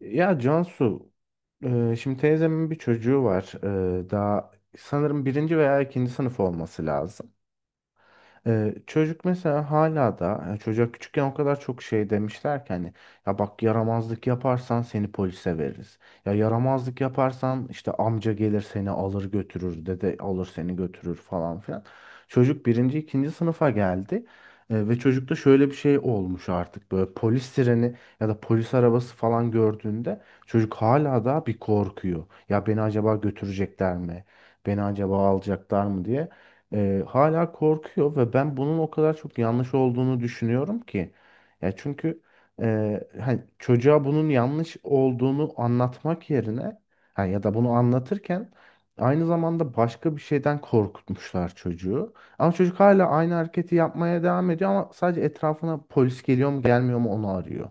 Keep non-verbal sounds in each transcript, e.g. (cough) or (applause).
Ya Cansu, şimdi teyzemin bir çocuğu var. Daha sanırım birinci veya ikinci sınıf olması lazım. Çocuk mesela hala da yani çocuğa küçükken o kadar çok şey demişler ki hani ya bak yaramazlık yaparsan seni polise veririz. Ya yaramazlık yaparsan işte amca gelir seni alır götürür, dede alır seni götürür falan filan. Çocuk birinci ikinci sınıfa geldi. Ve çocukta şöyle bir şey olmuş, artık böyle polis sireni ya da polis arabası falan gördüğünde çocuk hala da bir korkuyor. Ya beni acaba götürecekler mi? Beni acaba alacaklar mı diye hala korkuyor ve ben bunun o kadar çok yanlış olduğunu düşünüyorum ki. Ya çünkü hani çocuğa bunun yanlış olduğunu anlatmak yerine ha, ya da bunu anlatırken aynı zamanda başka bir şeyden korkutmuşlar çocuğu. Ama çocuk hala aynı hareketi yapmaya devam ediyor, ama sadece etrafına polis geliyor mu gelmiyor mu onu arıyor.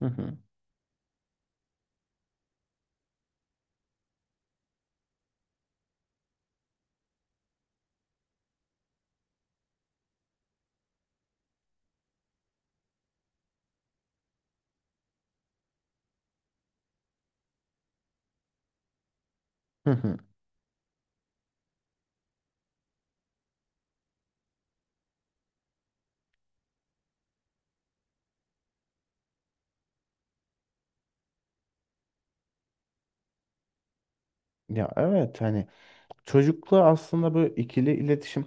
Hı hı. Hı hı. Ya evet, hani çocukla aslında böyle ikili iletişim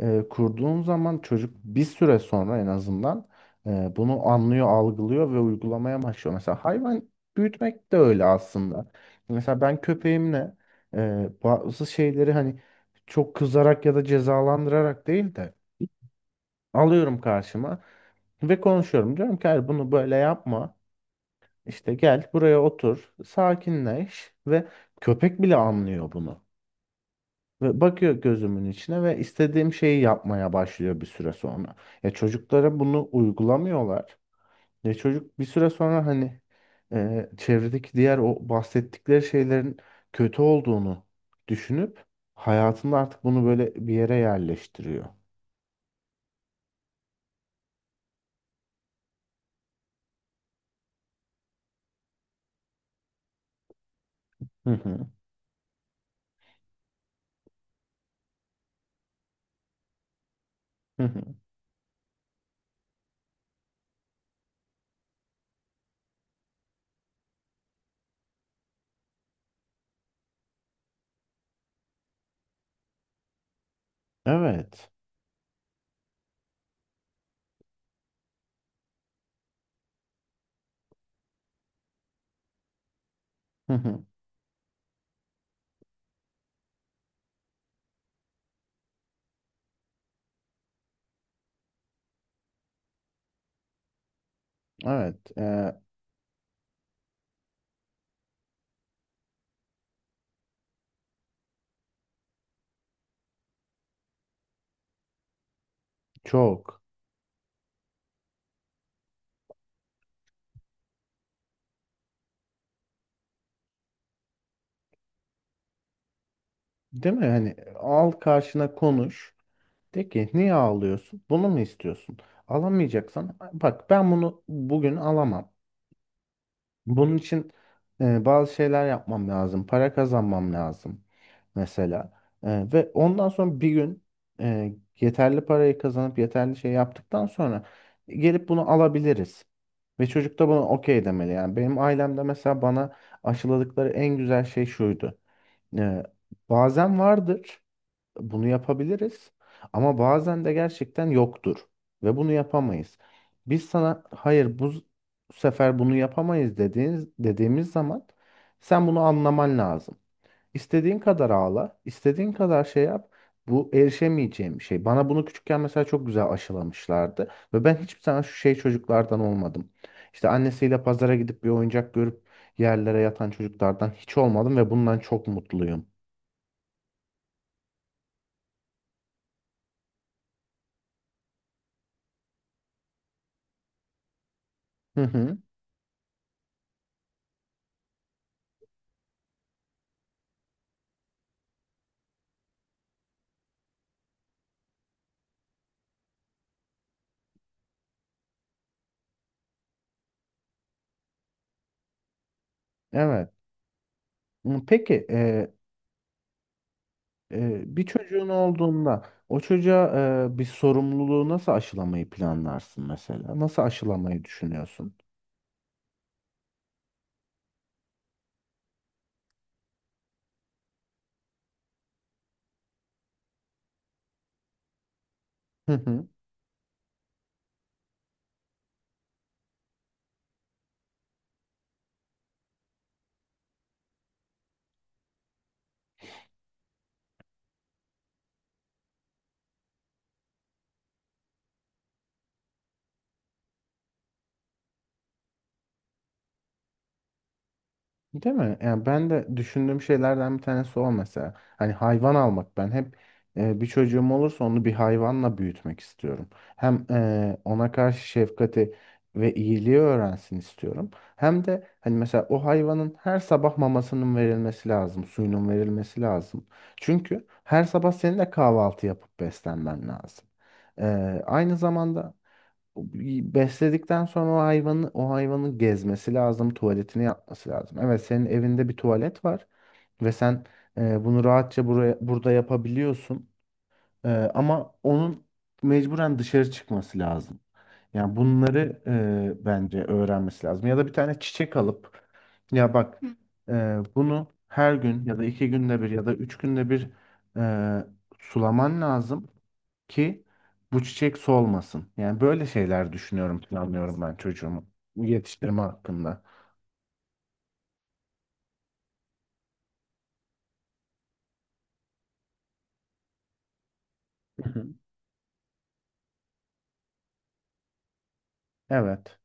kurduğun zaman çocuk bir süre sonra en azından bunu anlıyor, algılıyor ve uygulamaya başlıyor. Mesela hayvan büyütmek de öyle aslında. Mesela ben köpeğimle bazı şeyleri hani çok kızarak ya da cezalandırarak değil de alıyorum karşıma ve konuşuyorum. Diyorum ki hayır, bunu böyle yapma. İşte gel buraya otur, sakinleş ve köpek bile anlıyor bunu. Ve bakıyor gözümün içine ve istediğim şeyi yapmaya başlıyor bir süre sonra. Ya çocuklara bunu uygulamıyorlar. Ya çocuk bir süre sonra hani çevredeki diğer o bahsettikleri şeylerin kötü olduğunu düşünüp hayatında artık bunu böyle bir yere yerleştiriyor. Hı hı. Hı hı. Evet. Hı hı. Evet. Çok. Değil mi? Hani al karşına konuş. De ki niye ağlıyorsun? Bunu mu istiyorsun? Alamayacaksan bak, ben bunu bugün alamam. Bunun için bazı şeyler yapmam lazım. Para kazanmam lazım mesela. Ve ondan sonra bir gün yeterli parayı kazanıp yeterli şey yaptıktan sonra gelip bunu alabiliriz. Ve çocuk da buna okey demeli. Yani benim ailemde mesela bana aşıladıkları en güzel şey şuydu. E, Bazen vardır. Bunu yapabiliriz, ama bazen de gerçekten yoktur ve bunu yapamayız. Biz sana hayır, bu sefer bunu yapamayız dediğimiz zaman sen bunu anlaman lazım. İstediğin kadar ağla, istediğin kadar şey yap. Bu erişemeyeceğim bir şey. Bana bunu küçükken mesela çok güzel aşılamışlardı ve ben hiçbir zaman şu şey çocuklardan olmadım. İşte annesiyle pazara gidip bir oyuncak görüp yerlere yatan çocuklardan hiç olmadım ve bundan çok mutluyum. Hı hı. Evet. Hı, peki bir çocuğun olduğunda o çocuğa bir sorumluluğu nasıl aşılamayı planlarsın mesela? Nasıl aşılamayı düşünüyorsun? Hı hı. Değil mi? Yani ben de düşündüğüm şeylerden bir tanesi o mesela. Hani hayvan almak, ben hep bir çocuğum olursa onu bir hayvanla büyütmek istiyorum. Hem ona karşı şefkati ve iyiliği öğrensin istiyorum. Hem de hani mesela o hayvanın her sabah mamasının verilmesi lazım, suyunun verilmesi lazım. Çünkü her sabah senin de kahvaltı yapıp beslenmen lazım. E, Aynı zamanda besledikten sonra o hayvanı o hayvanın gezmesi lazım, tuvaletini yapması lazım. Evet, senin evinde bir tuvalet var ve sen bunu rahatça buraya burada yapabiliyorsun. Ama onun mecburen dışarı çıkması lazım. Yani bunları bence öğrenmesi lazım. Ya da bir tane çiçek alıp ya bak, hı. Bunu her gün ya da iki günde bir ya da üç günde bir e, sulaman lazım ki bu çiçek solmasın. Yani böyle şeyler düşünüyorum, planlıyorum ben çocuğumu yetiştirme hakkında. Hı hı. Evet.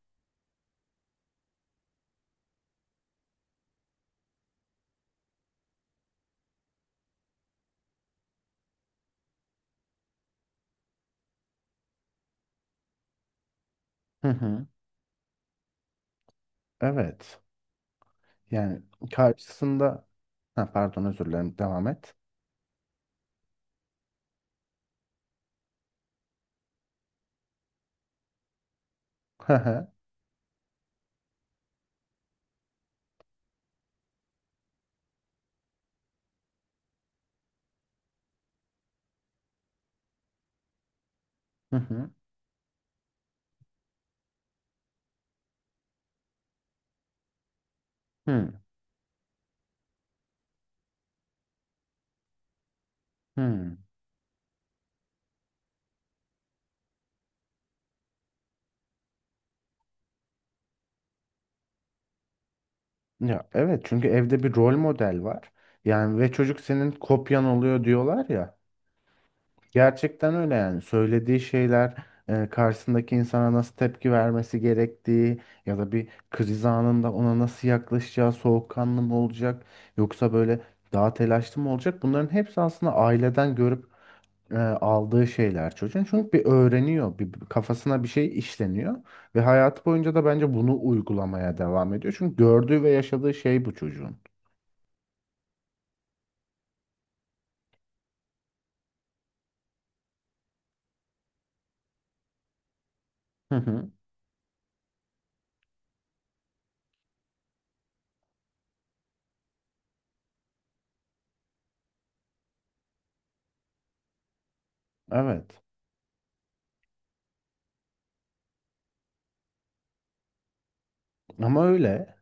Hı hı. Evet. Yani karşısında ha, pardon, özür dilerim, devam et. Hı hı. Hı hı. Hı hı. Ya evet, çünkü evde bir rol model var. Yani ve çocuk senin kopyan oluyor diyorlar ya. Gerçekten öyle. Yani söylediği şeyler, karşısındaki insana nasıl tepki vermesi gerektiği ya da bir kriz anında ona nasıl yaklaşacağı, soğukkanlı mı olacak yoksa böyle daha telaşlı mı olacak, bunların hepsi aslında aileden görüp aldığı şeyler çocuğun. Çünkü bir öğreniyor, bir kafasına bir şey işleniyor ve hayatı boyunca da bence bunu uygulamaya devam ediyor, çünkü gördüğü ve yaşadığı şey bu çocuğun. Hı hı. Evet ama öyle.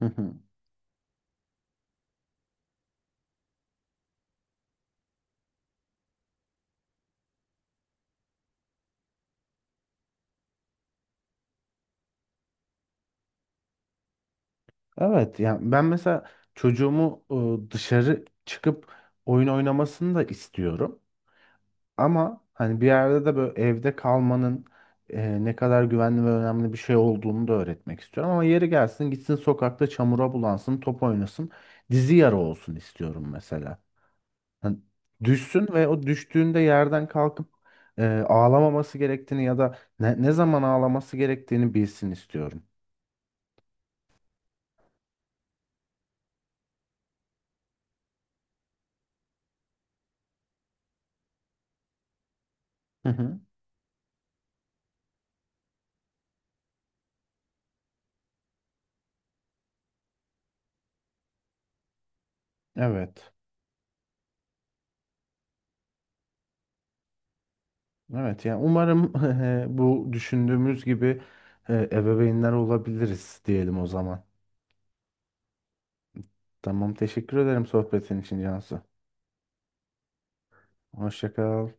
(laughs) Evet, yani ben mesela çocuğumu dışarı çıkıp oyun oynamasını da istiyorum. Ama hani bir yerde de böyle evde kalmanın ne kadar güvenli ve önemli bir şey olduğunu da öğretmek istiyorum. Ama yeri gelsin gitsin sokakta çamura bulansın, top oynasın, dizi yara olsun istiyorum mesela. Hani düşsün ve o düştüğünde yerden kalkıp ağlamaması gerektiğini ya da ne zaman ağlaması gerektiğini bilsin istiyorum. Hı hı. Evet. Evet, yani umarım (laughs) bu düşündüğümüz gibi ebeveynler olabiliriz diyelim o zaman. Tamam, teşekkür ederim sohbetin için Cansu. Hoşça kal.